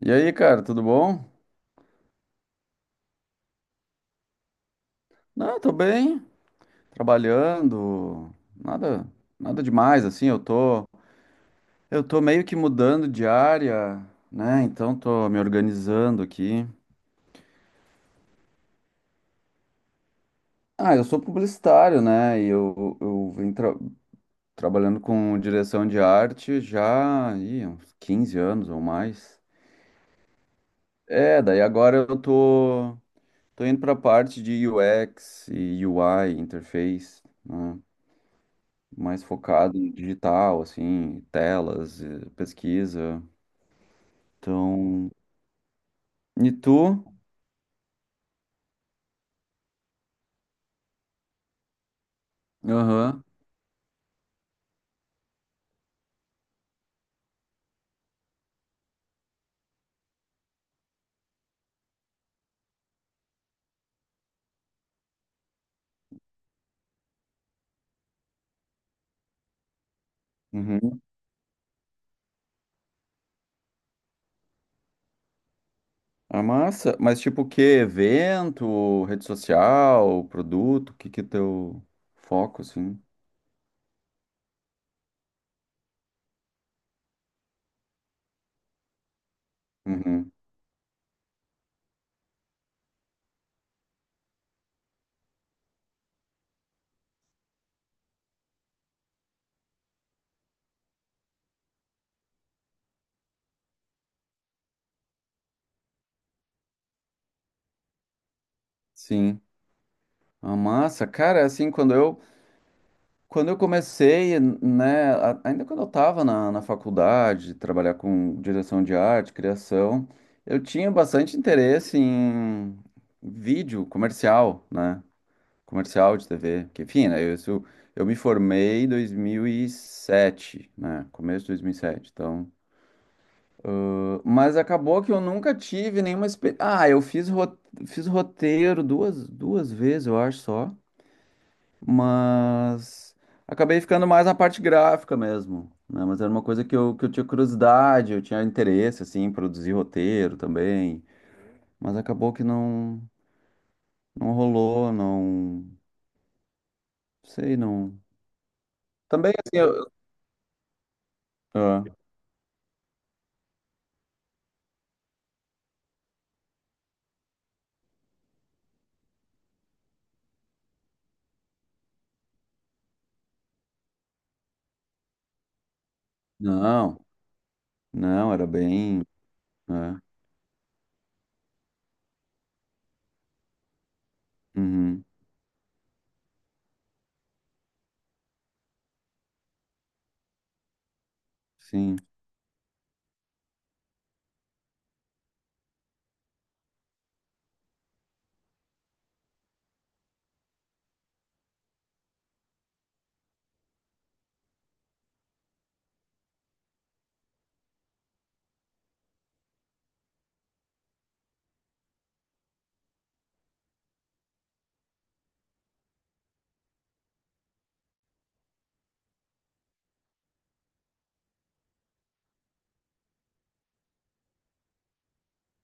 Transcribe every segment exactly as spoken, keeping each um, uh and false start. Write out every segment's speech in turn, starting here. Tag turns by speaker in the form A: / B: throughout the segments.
A: E aí, cara, tudo bom? Não, tô bem, trabalhando, nada, nada demais, assim, eu tô, eu tô meio que mudando de área, né? Então tô me organizando aqui. Ah, eu sou publicitário, né? E eu, eu venho tra- trabalhando com direção de arte já, ih, uns quinze anos ou mais. É, daí agora eu tô, tô indo pra parte de U X e U I, interface, né? Mais focado em digital, assim, telas, eh, pesquisa. Então, e tu? Aham. Uhum. A massa, mas tipo o que? Evento, rede social, produto, o que que é teu foco, assim? Uhum. Sim. A massa, cara, assim, quando eu Quando eu comecei, né, a- ainda quando eu estava na, na faculdade, trabalhar com direção de arte, criação, eu tinha bastante interesse em vídeo comercial, né, comercial de tê vê, que enfim, né, eu, isso- eu me formei em dois mil e sete, né, começo de dois mil e sete, então... Mas acabou que eu nunca tive nenhuma experiência... Ah, eu fiz, ro- fiz roteiro duas, duas vezes, eu acho só, mas acabei ficando mais na parte gráfica mesmo, né? Mas era uma coisa que eu, que eu tinha curiosidade, eu tinha interesse, assim, em produzir roteiro também. Mas acabou que não, não rolou, não. Sei, não. Também, assim, eu. Ah, não, não, era bem. Né? Uhum, sim,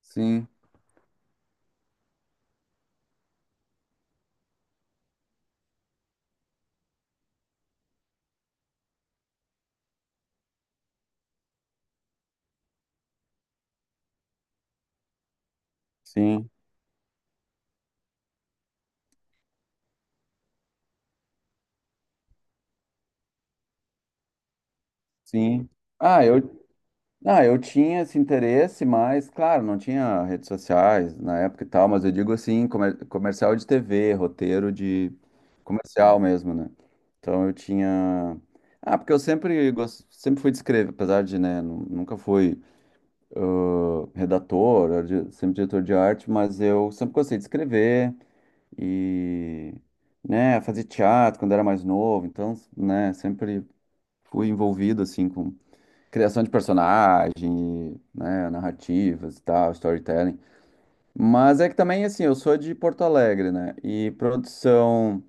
A: sim, sim, sim. Ah, eu Ah, eu tinha esse interesse, mas, claro, não tinha redes sociais na época e tal, mas eu digo assim, comer- comercial de tê vê, roteiro de comercial mesmo, né? Então eu tinha. Ah, porque eu sempre, gos- sempre fui de escrever, apesar de, né, nu- nunca fui redator, era di- sempre diretor de arte, mas eu sempre gostei de escrever e, né, fazer teatro quando era mais novo, então, né, sempre fui envolvido, assim, com criação de personagem, né, narrativas e tal, storytelling. Mas é que também, assim, eu sou de Porto Alegre, né? E produção,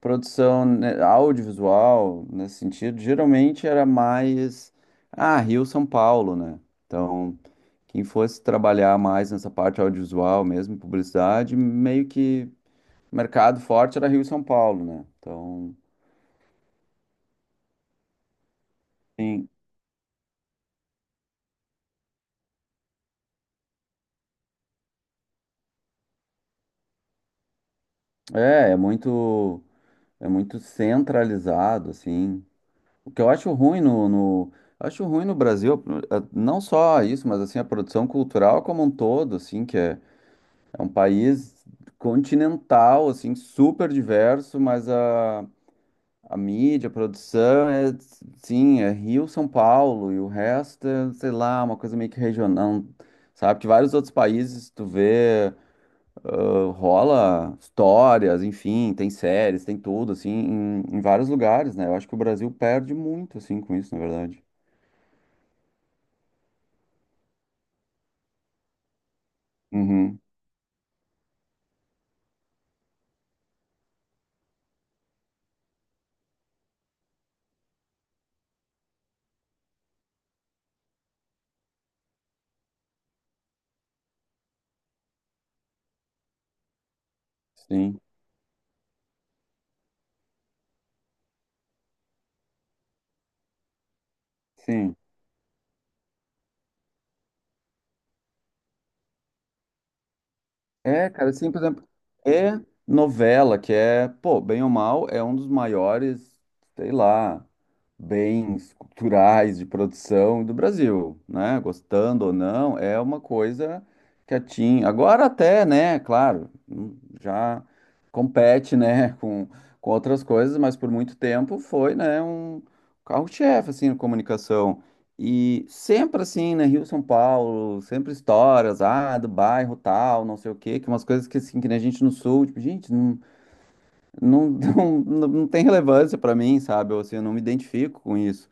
A: produção né, audiovisual, nesse sentido, geralmente era mais, ah, Rio, São Paulo, né? Então, quem fosse trabalhar mais nessa parte audiovisual mesmo, publicidade, meio que mercado forte era Rio e São Paulo, né? Então, sim, é, é muito, é muito centralizado, assim. O que eu acho ruim no, no- acho ruim no Brasil, eh, não só isso, mas assim a produção cultural como um todo, assim, que é, é um país continental, assim, super diverso, mas a, a mídia, a produção é, sim, é Rio, São Paulo e o resto é, sei lá, uma coisa meio que regional, sabe? Que vários outros países tu vê, ah, rola histórias, enfim, tem séries, tem tudo, assim, em, em vários lugares, né? Eu acho que o Brasil perde muito, assim, com isso, na verdade. Uhum, sim, sim. É, cara, sim, por exemplo, é novela, que é, pô, bem ou mal, é um dos maiores, sei lá, bens culturais de produção do Brasil, né? Gostando ou não, é uma coisa que atinge. Agora até, né, claro, hum, já compete, né, com, com outras coisas, mas por muito tempo foi, né, um carro-chefe, assim, na comunicação. E sempre assim, né? Rio, São Paulo, sempre histórias, ah, do bairro tal, não sei o quê, que umas coisas que assim, que nem a gente no sul, tipo, gente, não, não, não, não não tem relevância pra mim, sabe? Eu, assim, eu não me identifico com isso.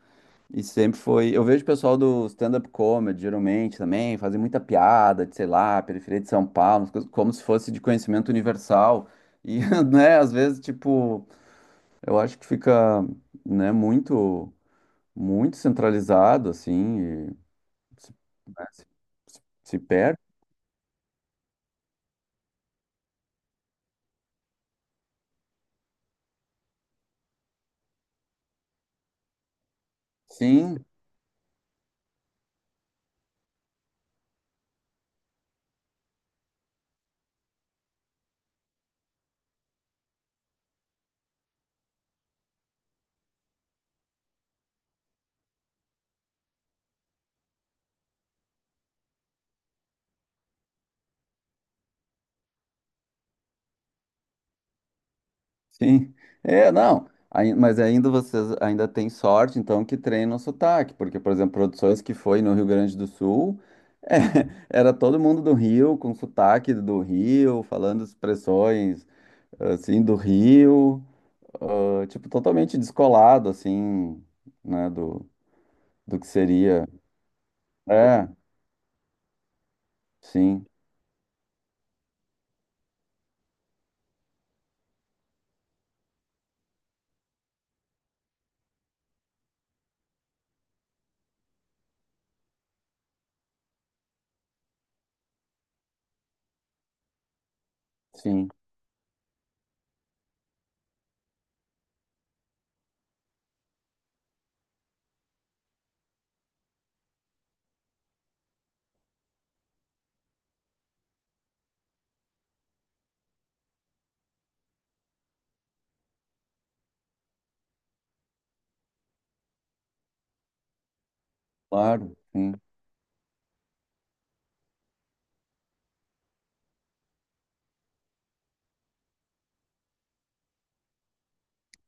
A: E sempre foi. Eu vejo o pessoal do stand-up comedy, geralmente também, fazer muita piada de, sei lá, periferia de São Paulo, umas coisas como se fosse de conhecimento universal. E, né, às vezes, tipo, eu acho que fica, né, muito, muito centralizado, assim. Se, né, se- se- se perde? Sim, sim. É, não. Aí- mas ainda vocês ainda têm sorte, então, que treinam o sotaque, porque, por exemplo, produções que foi no Rio Grande do Sul, é, era todo mundo do Rio, com sotaque do Rio, falando expressões, assim, do Rio, ah, tipo, totalmente descolado, assim, né, do, do que seria. É, sim, sim, claro, sim.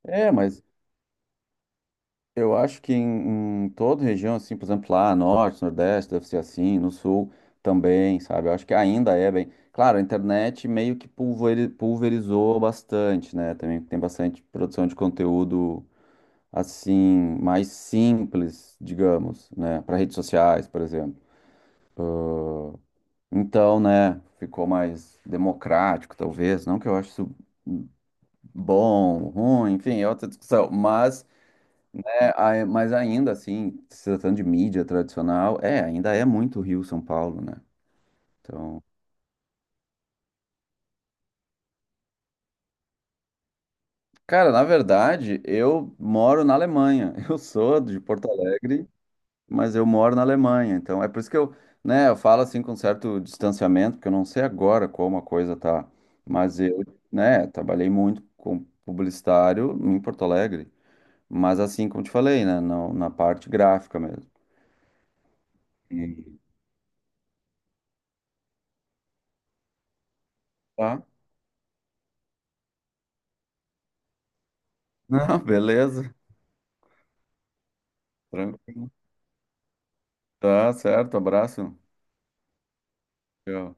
A: É, mas eu acho que em, em toda região, assim, por exemplo, lá, norte, nordeste, deve ser assim, no sul também, sabe? Eu acho que ainda é bem. Claro, a internet meio que pulveri- pulverizou bastante, né? Também tem bastante produção de conteúdo, assim, mais simples, digamos, né? Para redes sociais, por exemplo. Então, né, ficou mais democrático, talvez. Não que eu ache isso bom, ruim, enfim, é outra discussão, mas. É, ai- mas ainda assim, se tratando de mídia tradicional, é, ainda é muito Rio, São Paulo, né? Então, cara, na verdade, eu moro na Alemanha. Eu sou de Porto Alegre, mas eu moro na Alemanha. Então, é por isso que eu, né, eu falo assim com certo distanciamento, porque eu não sei agora como a coisa tá, mas eu, né, trabalhei muito com publicitário em Porto Alegre, mas assim como te falei, né, na, na parte gráfica mesmo. E- Tá? Não, beleza. Tranquilo. Tá certo, abraço. Tchau.